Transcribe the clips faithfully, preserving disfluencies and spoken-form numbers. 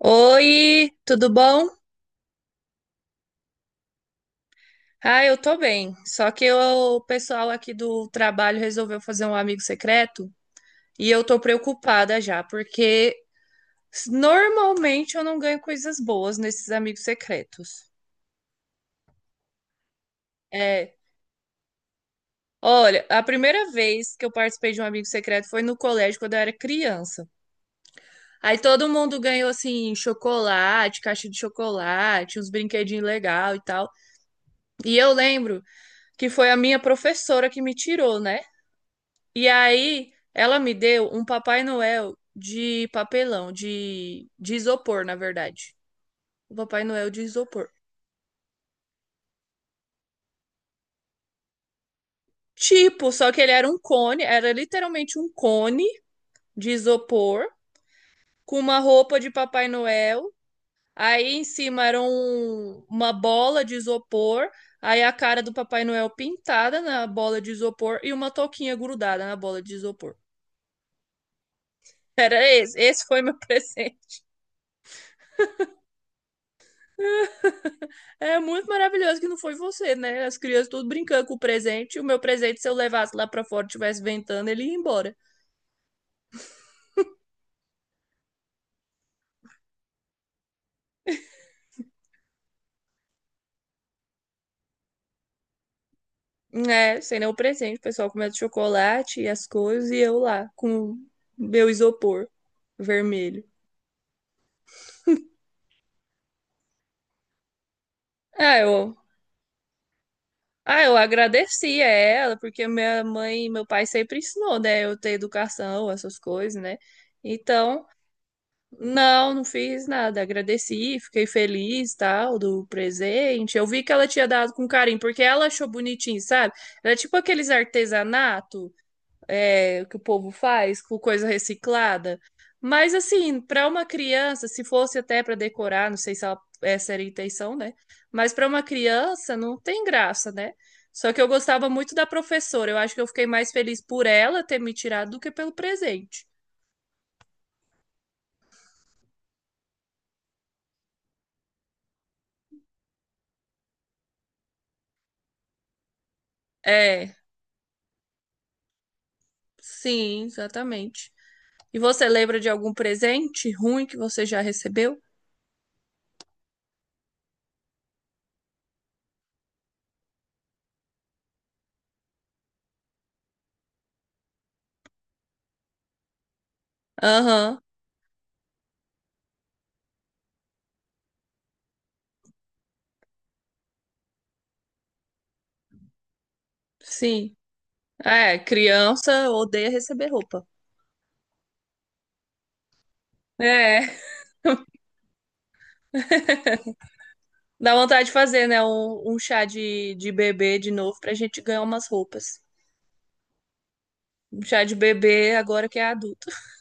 Oi, tudo bom? Ah, eu tô bem. Só que eu- o pessoal aqui do trabalho resolveu fazer um amigo secreto e eu tô preocupada já, porque normalmente eu não ganho coisas boas nesses amigos secretos. É, olha, a primeira vez que eu participei de um amigo secreto foi no colégio quando eu era criança. Aí todo mundo ganhou assim chocolate, caixa de chocolate, uns brinquedinhos legal e tal. E eu lembro que foi a minha professora que me tirou, né? E aí ela me deu um Papai Noel de papelão, de, de isopor, na verdade. O Papai Noel de isopor. Tipo, só que ele era um cone, era literalmente um cone de isopor com uma roupa de Papai Noel. Aí em cima era um- uma bola de isopor, aí a cara do Papai Noel pintada na bola de isopor e uma touquinha grudada na bola de isopor. Era esse, esse foi meu presente. É muito maravilhoso que não foi você, né? As crianças tudo brincando com o presente. O meu presente, se eu levasse lá pra fora e tivesse ventando, ele ia embora. É, sem nenhum presente. O pessoal comendo chocolate e as coisas, e eu lá com meu isopor vermelho. Ah, eu, ah, eu agradeci a ela, porque minha mãe e meu pai sempre ensinou, né? Eu ter educação, essas coisas, né? Então, não, não fiz nada. Agradeci, fiquei feliz, tal, do presente. Eu vi que ela tinha dado com carinho, porque ela achou bonitinho, sabe? Era tipo aqueles artesanato, é, que o povo faz com coisa reciclada. Mas assim, para uma criança, se fosse até para decorar, não sei se ela- essa era a intenção, né? Mas para uma criança não tem graça, né? Só que eu gostava muito da professora. Eu acho que eu fiquei mais feliz por ela ter me tirado do que pelo presente. É, sim, exatamente. E você lembra de algum presente ruim que você já recebeu? Aham, sim. É, criança odeia receber roupa. É, dá vontade de fazer, né? Um, um chá de, de bebê de novo pra gente ganhar umas roupas. Um chá de bebê agora que é adulto.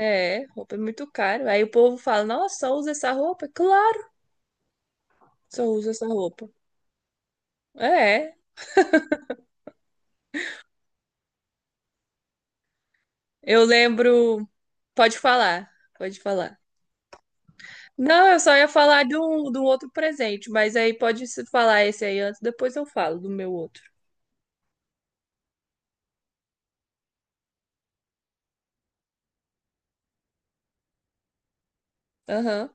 É, roupa é muito caro. Aí o povo fala, nossa, só usa essa roupa? Claro, que só usa essa roupa. É, eu lembro. Pode falar, pode falar. Não, eu só ia falar de um, de um outro presente, mas aí pode se falar esse aí antes, depois eu falo do meu outro. Aham.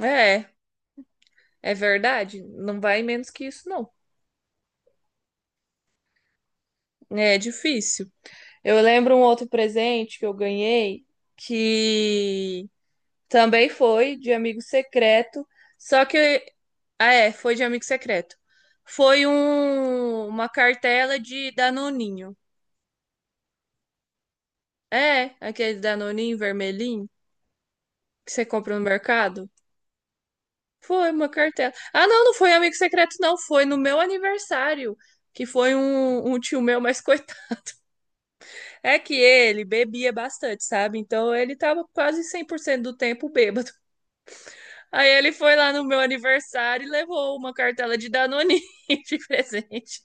É, é verdade. Não vai menos que isso, não. É difícil. Eu lembro um outro presente que eu ganhei que também foi de amigo secreto, só que. Ah, é, foi de amigo secreto. Foi um, uma cartela de Danoninho. É, aquele Danoninho vermelhinho que você compra no mercado. Foi uma cartela. Ah, não, não foi amigo secreto, não. Foi no meu aniversário, que foi um, um tio meu, mas coitado. É que ele bebia bastante, sabe? Então ele tava quase cem por cento do tempo bêbado. Aí ele foi lá no meu aniversário e levou uma cartela de Danone de presente.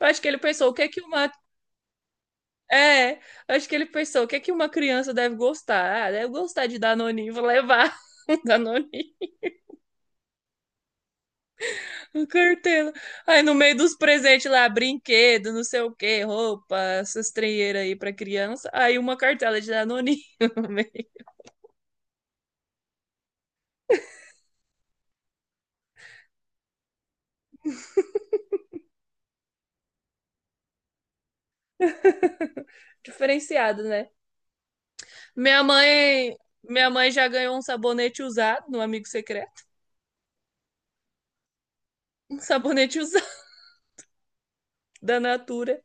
Eu acho que ele pensou, o que é que uma. É, eu acho que ele pensou, o que é que uma criança deve gostar? Ah, deve gostar de Danone, vou levar um Danone. Com cartela. Aí no meio dos presentes lá, brinquedo, não sei o que roupa, essas treinheiras aí pra criança. Aí uma cartela de Danoninho. no meio diferenciado, né? Minha mãe, minha mãe já ganhou um sabonete usado no Amigo Secreto. Um sabonete usado da Natura.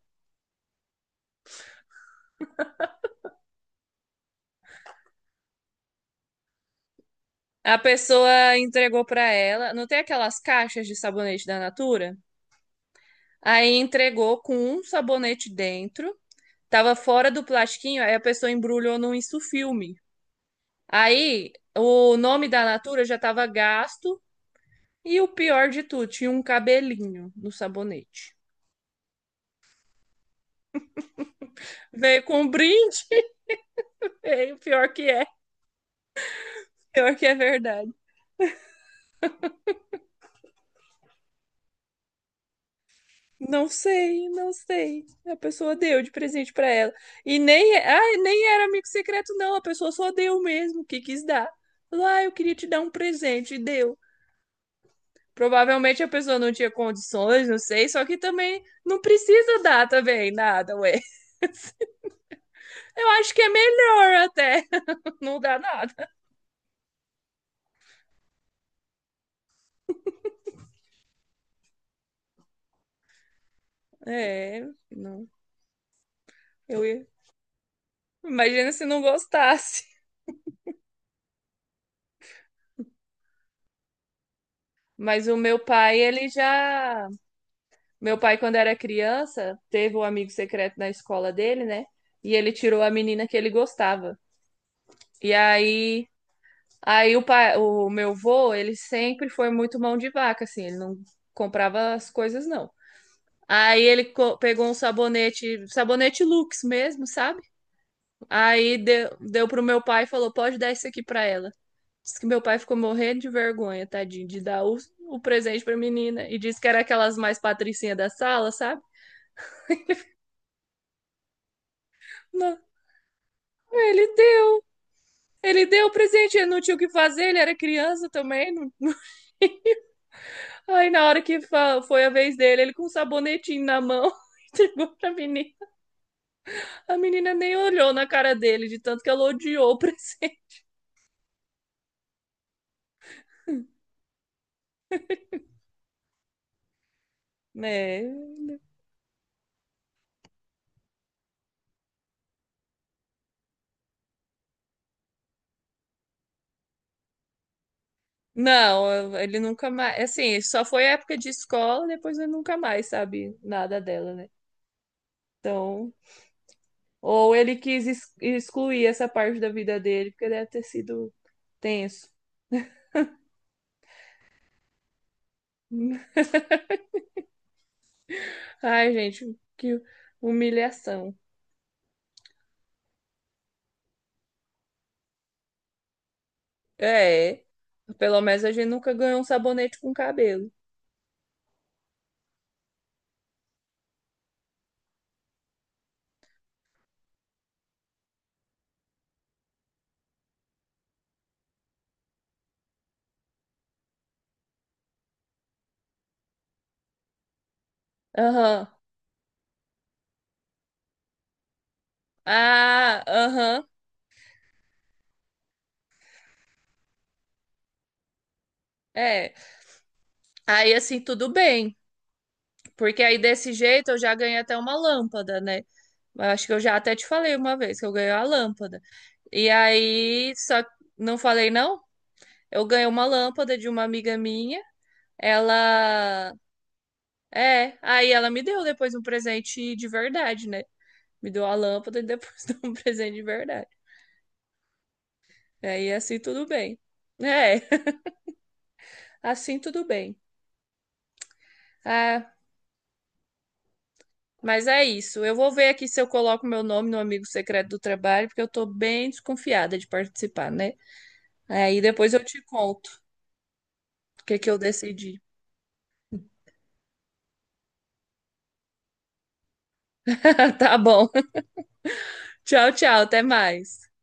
A pessoa entregou pra ela. Não tem aquelas caixas de sabonete da Natura? Aí entregou com um sabonete dentro. Tava fora do plastiquinho, aí a pessoa embrulhou num isso. Aí o nome da Natura já estava gasto e o pior de tudo, tinha um cabelinho no sabonete. Veio com um brinde, e o pior que é, pior que é verdade. Não sei, não sei. A pessoa deu de presente para ela. E nem, ai, nem era amigo secreto, não. A pessoa só deu mesmo, o que quis dar. Falou, ah, eu queria te dar um presente, e deu. Provavelmente a pessoa não tinha condições, não sei, só que também não precisa dar também nada, ué. Eu acho que é melhor até não dá nada. É, não. Eu ia- imagina se não gostasse. Mas o meu pai, ele já. Meu pai, quando era criança, teve um amigo secreto na escola dele, né? E ele tirou a menina que ele gostava. E aí, aí o pai, o meu vô, ele sempre foi muito mão de vaca, assim, ele não comprava as coisas, não. Aí ele co- pegou um sabonete, sabonete Lux mesmo, sabe? Aí deu, deu pro meu pai e falou: pode dar isso aqui pra ela. Diz que meu pai ficou morrendo de vergonha, tadinho, de dar o, o presente pra menina. E disse que era aquelas mais patricinhas da sala, sabe? Não, ele deu, ele deu o presente, ele não tinha o que fazer, ele era criança também. Não... Aí na hora que foi a vez dele, ele com um sabonetinho na mão. Entregou pra menina. A menina nem olhou na cara dele, de tanto que ela odiou o presente. É. Não, ele nunca mais. Assim, só foi época de escola, depois ele nunca mais sabe nada dela, né? Então, ou ele quis ex- excluir essa parte da vida dele, porque deve ter sido tenso. Ai, gente, que humilhação. É, pelo menos a gente nunca ganhou um sabonete com cabelo. Aham. Ah, aham. É. Aí assim, tudo bem. Porque aí desse jeito eu já ganhei até uma lâmpada, né? Acho que eu já até te falei uma vez que eu ganhei a lâmpada. E aí, só não falei não? Eu ganhei uma lâmpada de uma amiga minha. Ela é, aí ela me deu depois um presente de verdade, né? Me deu a lâmpada e depois deu um presente de verdade. Aí assim tudo bem. É, assim tudo bem. Ah, mas é isso. Eu vou ver aqui se eu coloco meu nome no amigo secreto do trabalho, porque eu tô bem desconfiada de participar, né? Aí depois eu te conto o que que eu decidi. Tá bom. Tchau, tchau. Até mais.